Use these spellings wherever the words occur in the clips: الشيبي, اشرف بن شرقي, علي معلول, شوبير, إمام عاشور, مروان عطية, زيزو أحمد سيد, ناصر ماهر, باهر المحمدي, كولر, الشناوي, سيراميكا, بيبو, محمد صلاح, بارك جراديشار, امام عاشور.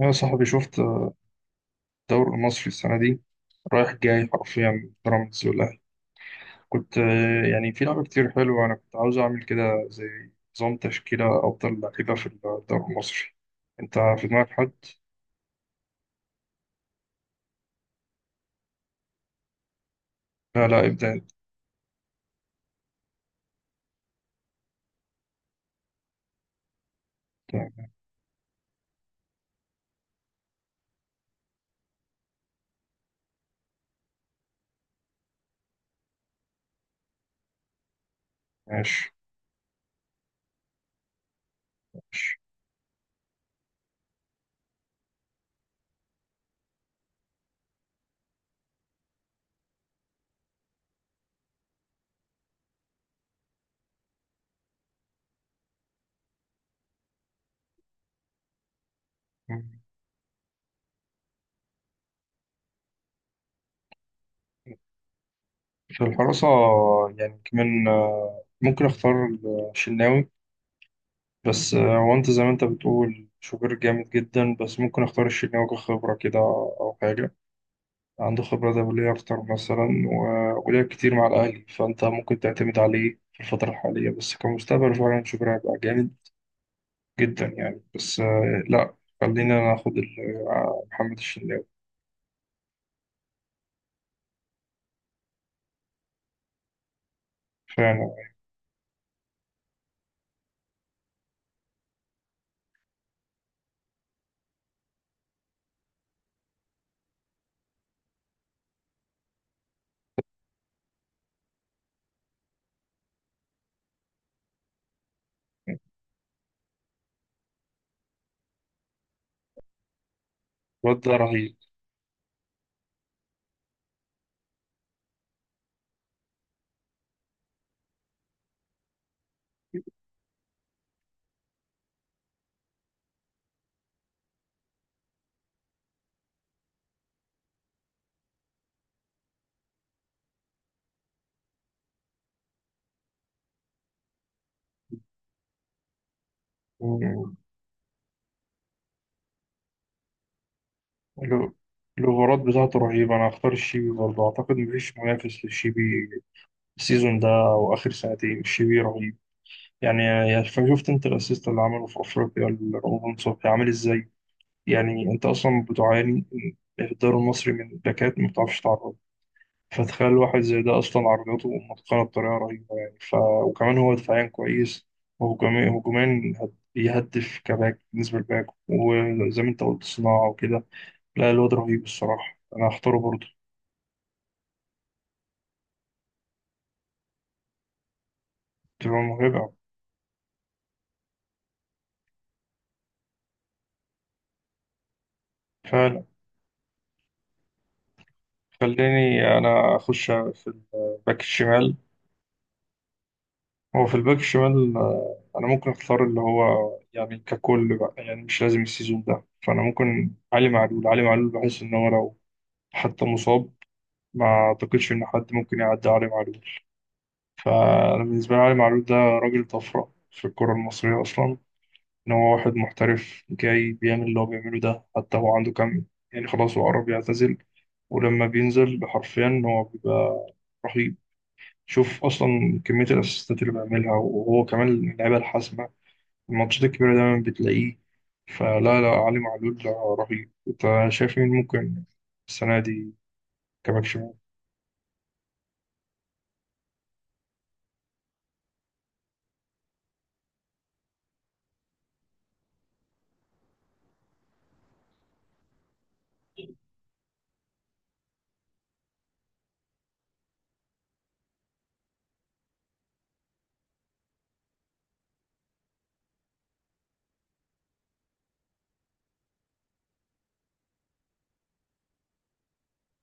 يا صاحبي، شفت الدوري المصري السنة دي؟ رايح جاي حرفيا، بيراميدز والأهلي. كنت يعني في لعبة كتير حلوة، أنا كنت عاوز أعمل كده، زي نظام تشكيلة أفضل لعيبة في الدوري المصري. أنت في دماغك حد؟ لا، لا ابدأ أنت. ماشي. في الحراسة، يعني كمان ممكن أختار الشناوي، بس هو أنت زي ما أنت بتقول شوبير جامد جدا، بس ممكن أختار الشناوي كخبرة كده أو حاجة. عنده خبرة دولية أكتر مثلا، ولعب كتير مع الأهلي، فأنت ممكن تعتمد عليه في الفترة الحالية، بس كمستقبل فعلا شوبير هيبقى جامد جدا يعني. بس لا، خلينا ناخد محمد الشناوي. فعلا، الواد ده رهيب. مم. له- الأوفرات بتاعته رهيبة، أنا هختار الشيبي برضه، أعتقد مفيش منافس للشيبي السيزون ده، أو آخر سنتين الشيبي رهيب. يعني يعني شفت أنت الأسيست اللي عمله في أفريقيا لرمضان صبحي عامل إزاي؟ يعني انت اصلا بتعاني من الدوري المصري، من باكات ما بتعرفش تعرض، فتخيل واحد زي ده اصلا عرضته متقنه بطريقه رهيبه يعني وكمان هو دفاعيا كويس، وهجوميا، هجوميا بيهدف كباك بالنسبه للباك، وزي ما انت قلت صناعه وكده. لا، الواد رهيب الصراحه، انا هختاره برضه. تبقى مرعبه فعلا. خليني انا اخش في الباك الشمال. هو في الباك الشمال انا ممكن اختار اللي هو، يعني ككل بقى، يعني مش لازم السيزون ده، فانا ممكن علي معلول. علي معلول بحس ان هو لو حتى مصاب، ما اعتقدش ان حد ممكن يعدي علي معلول. فانا بالنسبه لي علي معلول ده راجل طفره في الكره المصريه اصلا، ان هو واحد محترف جاي بيعمل اللي هو بيعمله ده. حتى هو عنده كام يعني، خلاص هو قرب يعتزل، ولما بينزل حرفيا هو بيبقى رهيب. شوف اصلا كميه الاسيستات اللي بيعملها، وهو كمان من اللعيبه الحاسمه، الماتشات الكبيرة دايما بتلاقيه. فلا، لا، علي معلول رهيب. انت شايف مين ممكن السنة دي كباك شمال؟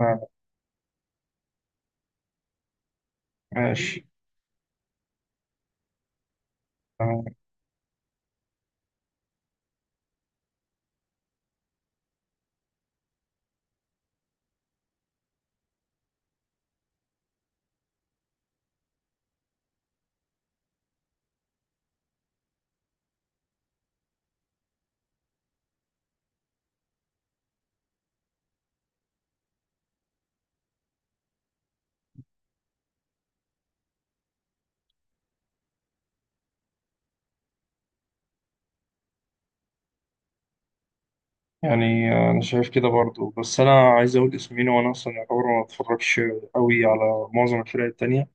آه، ماشي. آه، يعني انا شايف كده برضو، بس انا عايز اقول اسمين، وانا اصلا يعتبر ما بتفرجش قوي على معظم الفرق التانية.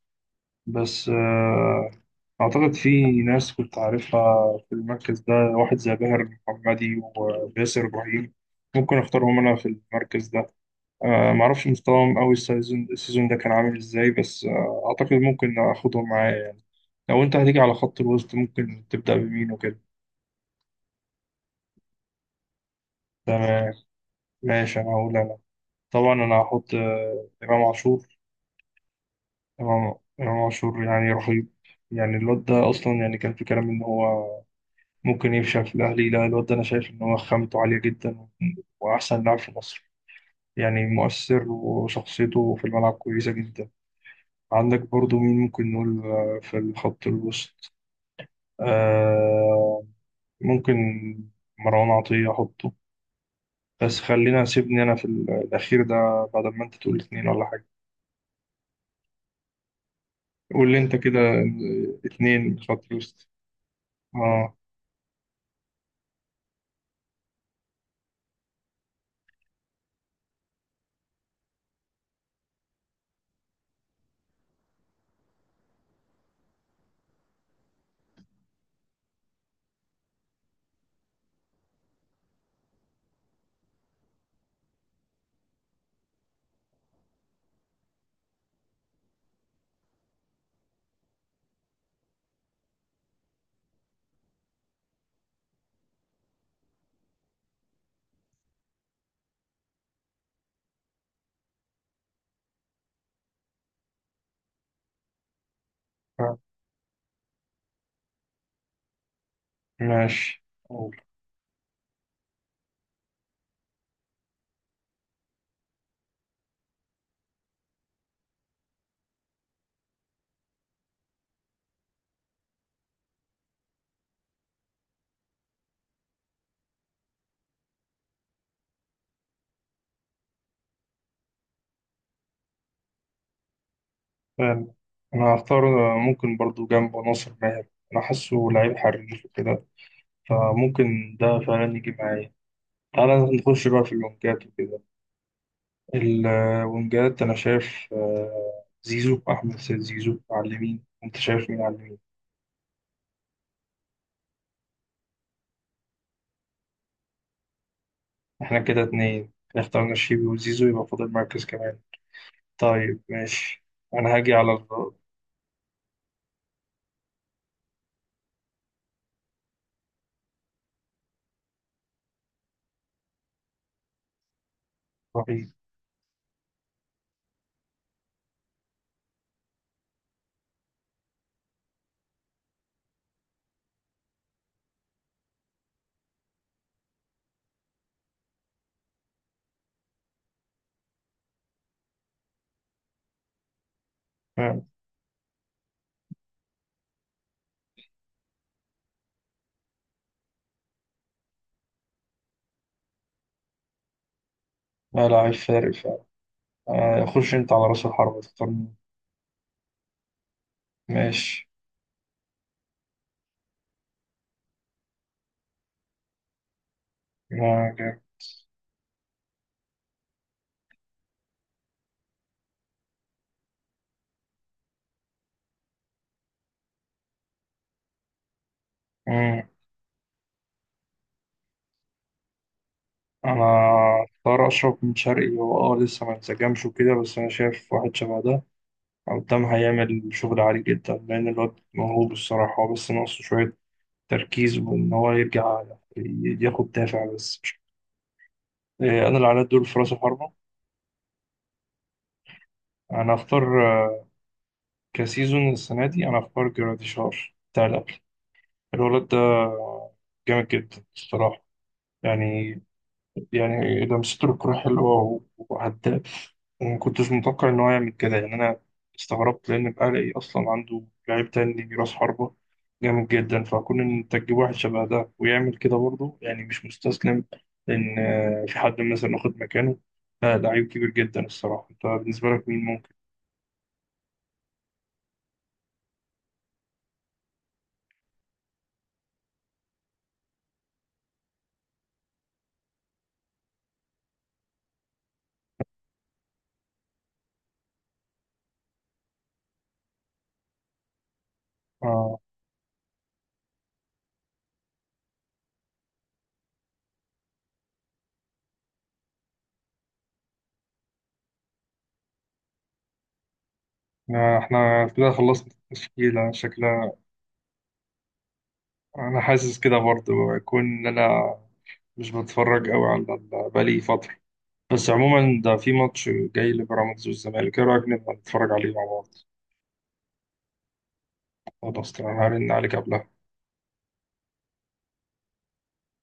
بس اعتقد في ناس كنت عارفها في المركز ده، واحد زي باهر المحمدي وباسر ابراهيم، ممكن اختارهم انا في المركز ده. معرفش مستواهم أوي، السيزون ده كان عامل إزاي، بس أعتقد ممكن آخدهم معايا يعني. لو أنت هتيجي على خط الوسط، ممكن تبدأ بمين وكده؟ تمام، ماشي، أنا هقول أنا. طبعا أنا هحط إمام عاشور. إمام عاشور يعني رهيب يعني. الواد ده أصلا يعني كان في كلام إن هو ممكن يفشل في الأهلي. لا، الواد ده أنا شايف إن هو خامته عالية جدا، وأحسن لاعب في مصر يعني، مؤثر، وشخصيته في الملعب كويسة جدا. عندك برضو مين ممكن نقول في الخط الوسط؟ آه ممكن مروان عطية أحطه، بس خلينا سيبني أنا في الأخير ده بعد ما أنت تقول اتنين ولا حاجة. قول لي أنت كده اتنين مش هتلوست. آه آه، ماشي، أقول. فعلا، أنا هختار ممكن برضو جنبه ناصر ماهر، أنا حاسه لعيب حريف وكده، فممكن ده فعلا يجي معايا. تعالى نخش بقى في الونجات وكده. الونجات أنا شايف زيزو، أحمد سيد زيزو على اليمين. أنت شايف مين على اليمين؟ احنا كده اتنين اخترنا شيبي وزيزو، يبقى فاضل مركز كمان. طيب ماشي. انا هاجي على الرهيب. آه، لا، لاعب فارق فعلا. خش انت على راس الحربة، تختار مين؟ ماشي. لا، جامد. مم. انا اختار اشرف بن شرقي، هو لسه ما انسجمش وكده، بس انا شايف واحد شبه ده قدام هيعمل شغل عالي جدا، لان الواد موهوب الصراحة. هو بس ناقصه شوية تركيز، وان هو يرجع ياخد دافع بس. إيه، انا اللي على الدور في راس الحربة. انا اختار كسيزون السنة دي أنا في بارك جراديشار بتاع الأكل، الولد ده جامد جدا الصراحة يعني. يعني لمسته الكورة حلوة، وهداف، وما كنتش متوقع إن هو يعمل كده يعني. أنا استغربت لأن الأهلي أصلا عنده لعيب تاني رأس حربة جامد جدا، فكون إن أنت تجيب واحد شبه ده ويعمل كده برضه، يعني مش مستسلم إن في حد مثلا واخد مكانه. لا، لعيب كبير جدا الصراحة. أنت بالنسبة لك مين ممكن؟ آه، احنا كده خلصنا التشكيلة شكلها. انا حاسس كده برضه، يكون ان انا مش بتفرج قوي على بقالي فترة، بس عموما ده في ماتش جاي لبيراميدز والزمالك، ايه رأيك نبقى نتفرج عليه مع بعض؟ خلاص، تمام، هرن عليك قبلها.